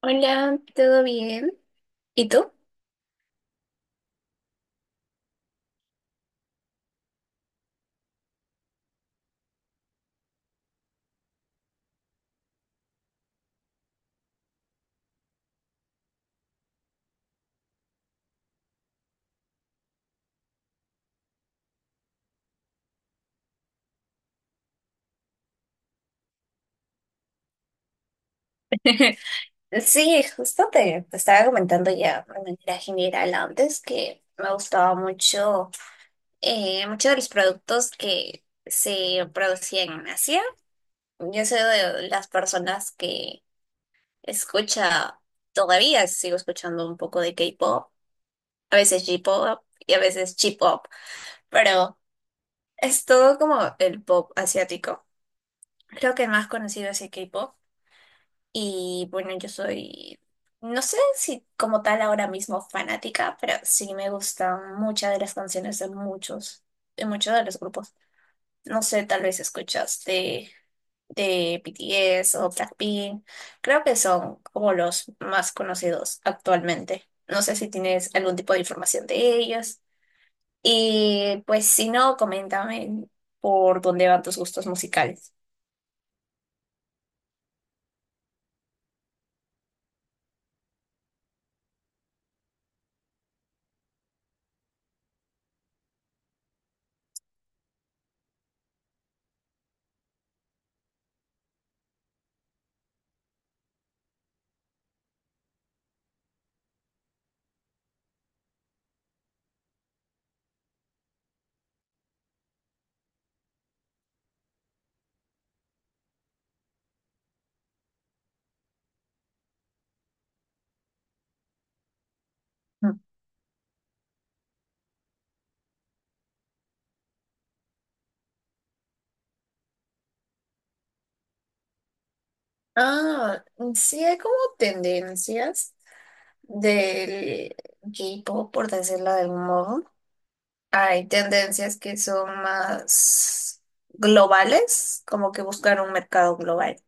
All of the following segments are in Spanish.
Hola, ¿todo bien? ¿Y tú? Sí, justo te estaba comentando ya de manera general antes que me gustaba mucho, muchos de los productos que se producían en Asia. Yo soy de las personas que escucha, todavía sigo escuchando un poco de K-pop, a veces J-pop y a veces J-pop, pero es todo como el pop asiático. Creo que el más conocido es el K-pop. Y bueno, yo soy, no sé si como tal ahora mismo fanática, pero sí me gustan muchas de las canciones de muchos de los grupos. No sé, tal vez escuchaste de BTS o Blackpink. Creo que son como los más conocidos actualmente. No sé si tienes algún tipo de información de ellos. Y pues si no, coméntame por dónde van tus gustos musicales. Mm. Ah, sí hay como tendencias del K-pop, por decirlo de algún modo. Hay tendencias que son más globales, como que buscar un mercado global.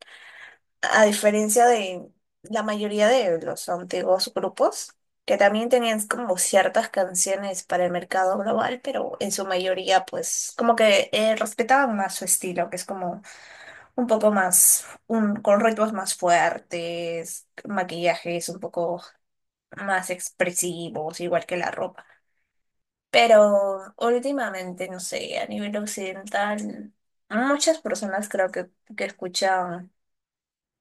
A diferencia de la mayoría de los antiguos grupos, que también tenían como ciertas canciones para el mercado global, pero en su mayoría, pues, como que respetaban más su estilo, que es como un poco más, un, con ritmos más fuertes, maquillajes un poco más expresivos, igual que la ropa. Pero últimamente, no sé, a nivel occidental, muchas personas creo que escuchan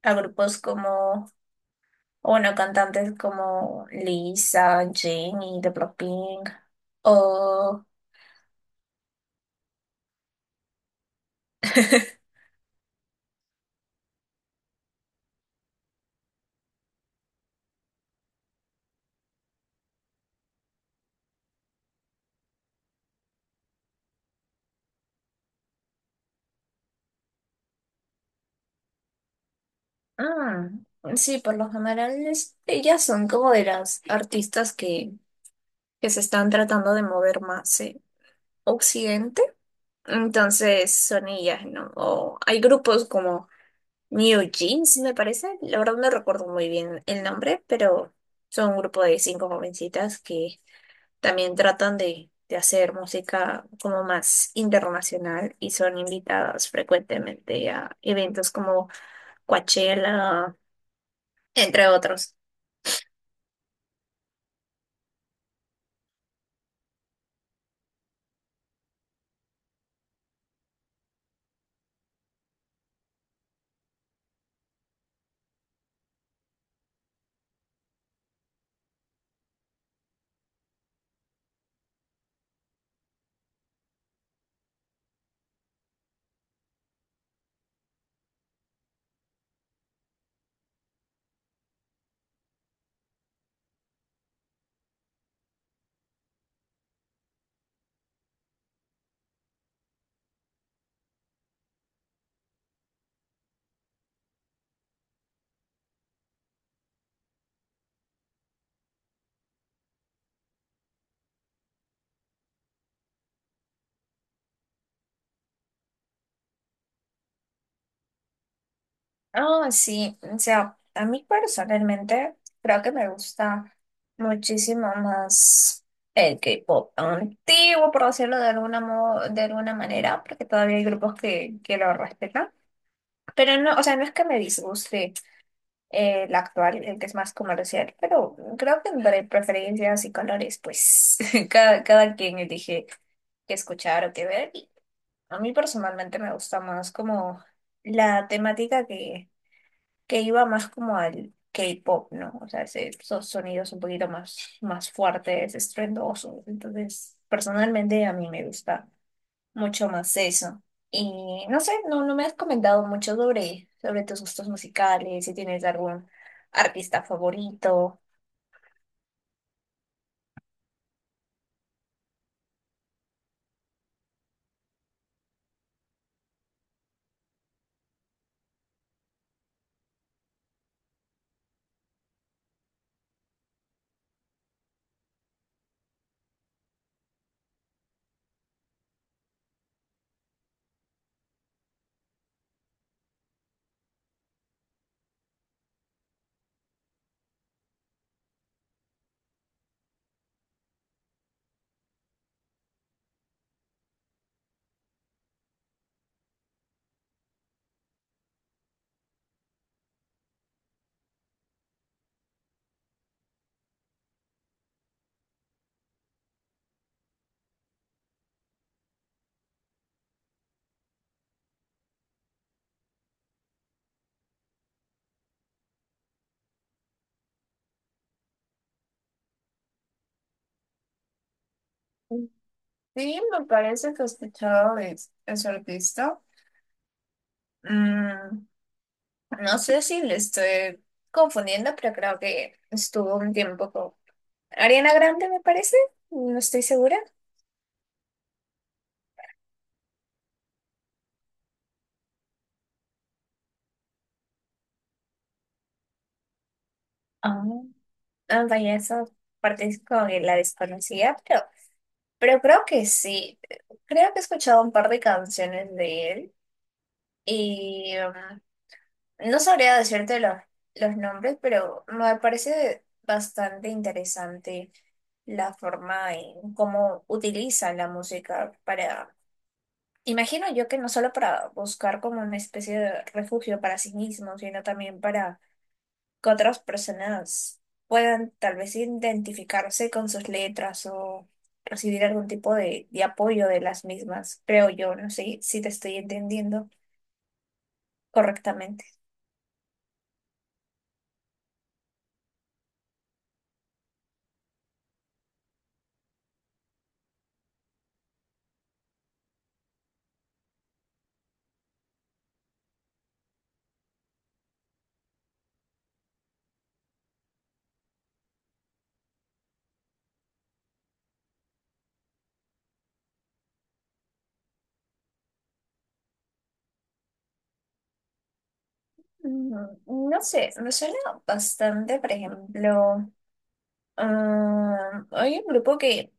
a grupos como, o bueno, cantantes como Lisa, Jenny, de Blackpink, o... Mm, sí, por lo general, ellas son como de las artistas que se están tratando de mover más, Occidente, entonces son ellas, ¿no? O hay grupos como New Jeans, me parece. La verdad no recuerdo muy bien el nombre, pero son un grupo de 5 jovencitas que también tratan de hacer música como más internacional y son invitadas frecuentemente a eventos como Coachella, entre otros. Ah, sí, o sea, a mí personalmente creo que me gusta muchísimo más el K-pop antiguo, por decirlo de alguna manera, porque todavía hay grupos que lo respetan. Pero no, o sea, no es que me disguste el actual, el que es más comercial, pero creo que entre preferencias y colores, pues cada quien elige que escuchar o que ver. Y a mí personalmente me gusta más como la temática que iba más como al K-pop, ¿no? O sea, esos sonidos un poquito más, más fuertes, estruendosos. Entonces, personalmente a mí me gusta mucho más eso. Y no sé, no, no me has comentado mucho sobre tus gustos musicales, si tienes algún artista favorito. Sí, me parece que he escuchado de ese artista. Mm, no sé si le estoy confundiendo, pero creo que estuvo un tiempo Ariana Grande, me parece, no estoy segura. Ah, Ah, vaya, esa parte es como que la desconocía, pero creo que sí. Creo que he escuchado un par de canciones de él y no sabría decirte los nombres, pero me parece bastante interesante la forma en cómo utiliza la música para, imagino yo que no solo para buscar como una especie de refugio para sí mismo, sino también para que otras personas puedan tal vez identificarse con sus letras o recibir algún tipo de apoyo de las mismas, creo yo, no sé si te estoy entendiendo correctamente. Mm, no sé, me suena bastante, por ejemplo, ah, hay un grupo que,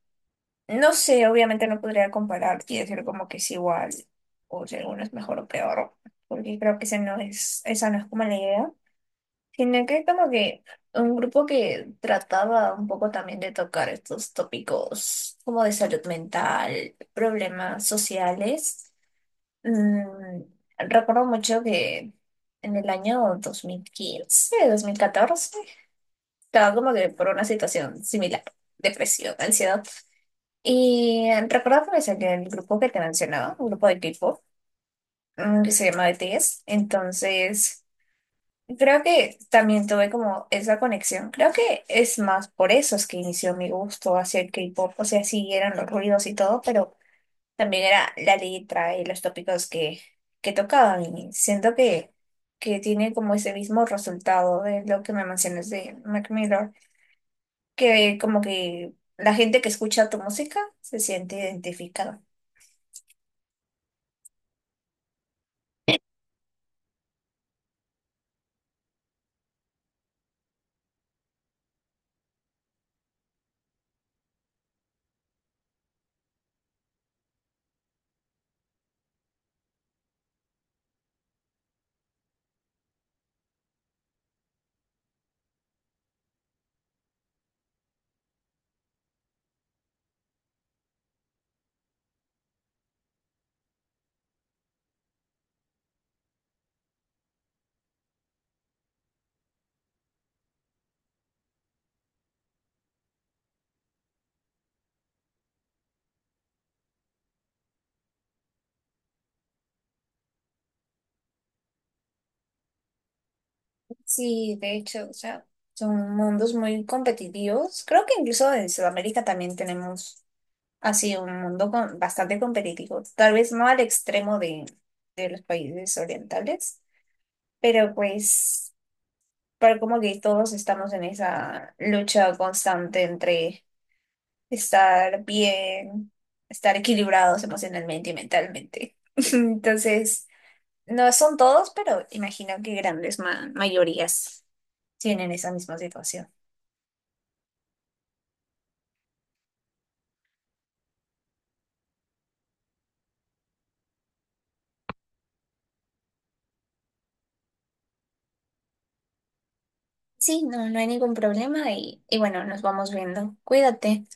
no sé, obviamente no podría comparar y decir como que es igual o si alguno es mejor o peor, porque creo que ese no es, esa no es como la idea. Sino que como que un grupo que trataba un poco también de tocar estos tópicos como de salud mental, problemas sociales. Mm, recuerdo mucho que en el año 2015 2014 estaba como que por una situación similar, depresión, ansiedad. Y recuerdo que me salió el grupo que te mencionaba, un grupo de que se llama BTS. Entonces... Creo que también tuve como esa conexión. Creo que es más por eso es que inició mi gusto hacia el K-pop. O sea, sí eran los ruidos y todo, pero también era la letra y los tópicos que tocaban. Y siento que tiene como ese mismo resultado de lo que me mencionas de Mac Miller, que como que la gente que escucha tu música se siente identificada. Sí, de hecho, o sea, son mundos muy competitivos. Creo que incluso en Sudamérica también tenemos así, un mundo bastante competitivo. Tal vez no al extremo de los países orientales, pero pues para como que todos estamos en esa lucha constante entre estar bien, estar equilibrados emocionalmente y mentalmente. Entonces, no son todos, pero imagino que grandes mayorías tienen esa misma situación. Sí, no, no hay ningún problema y bueno, nos vamos viendo. Cuídate.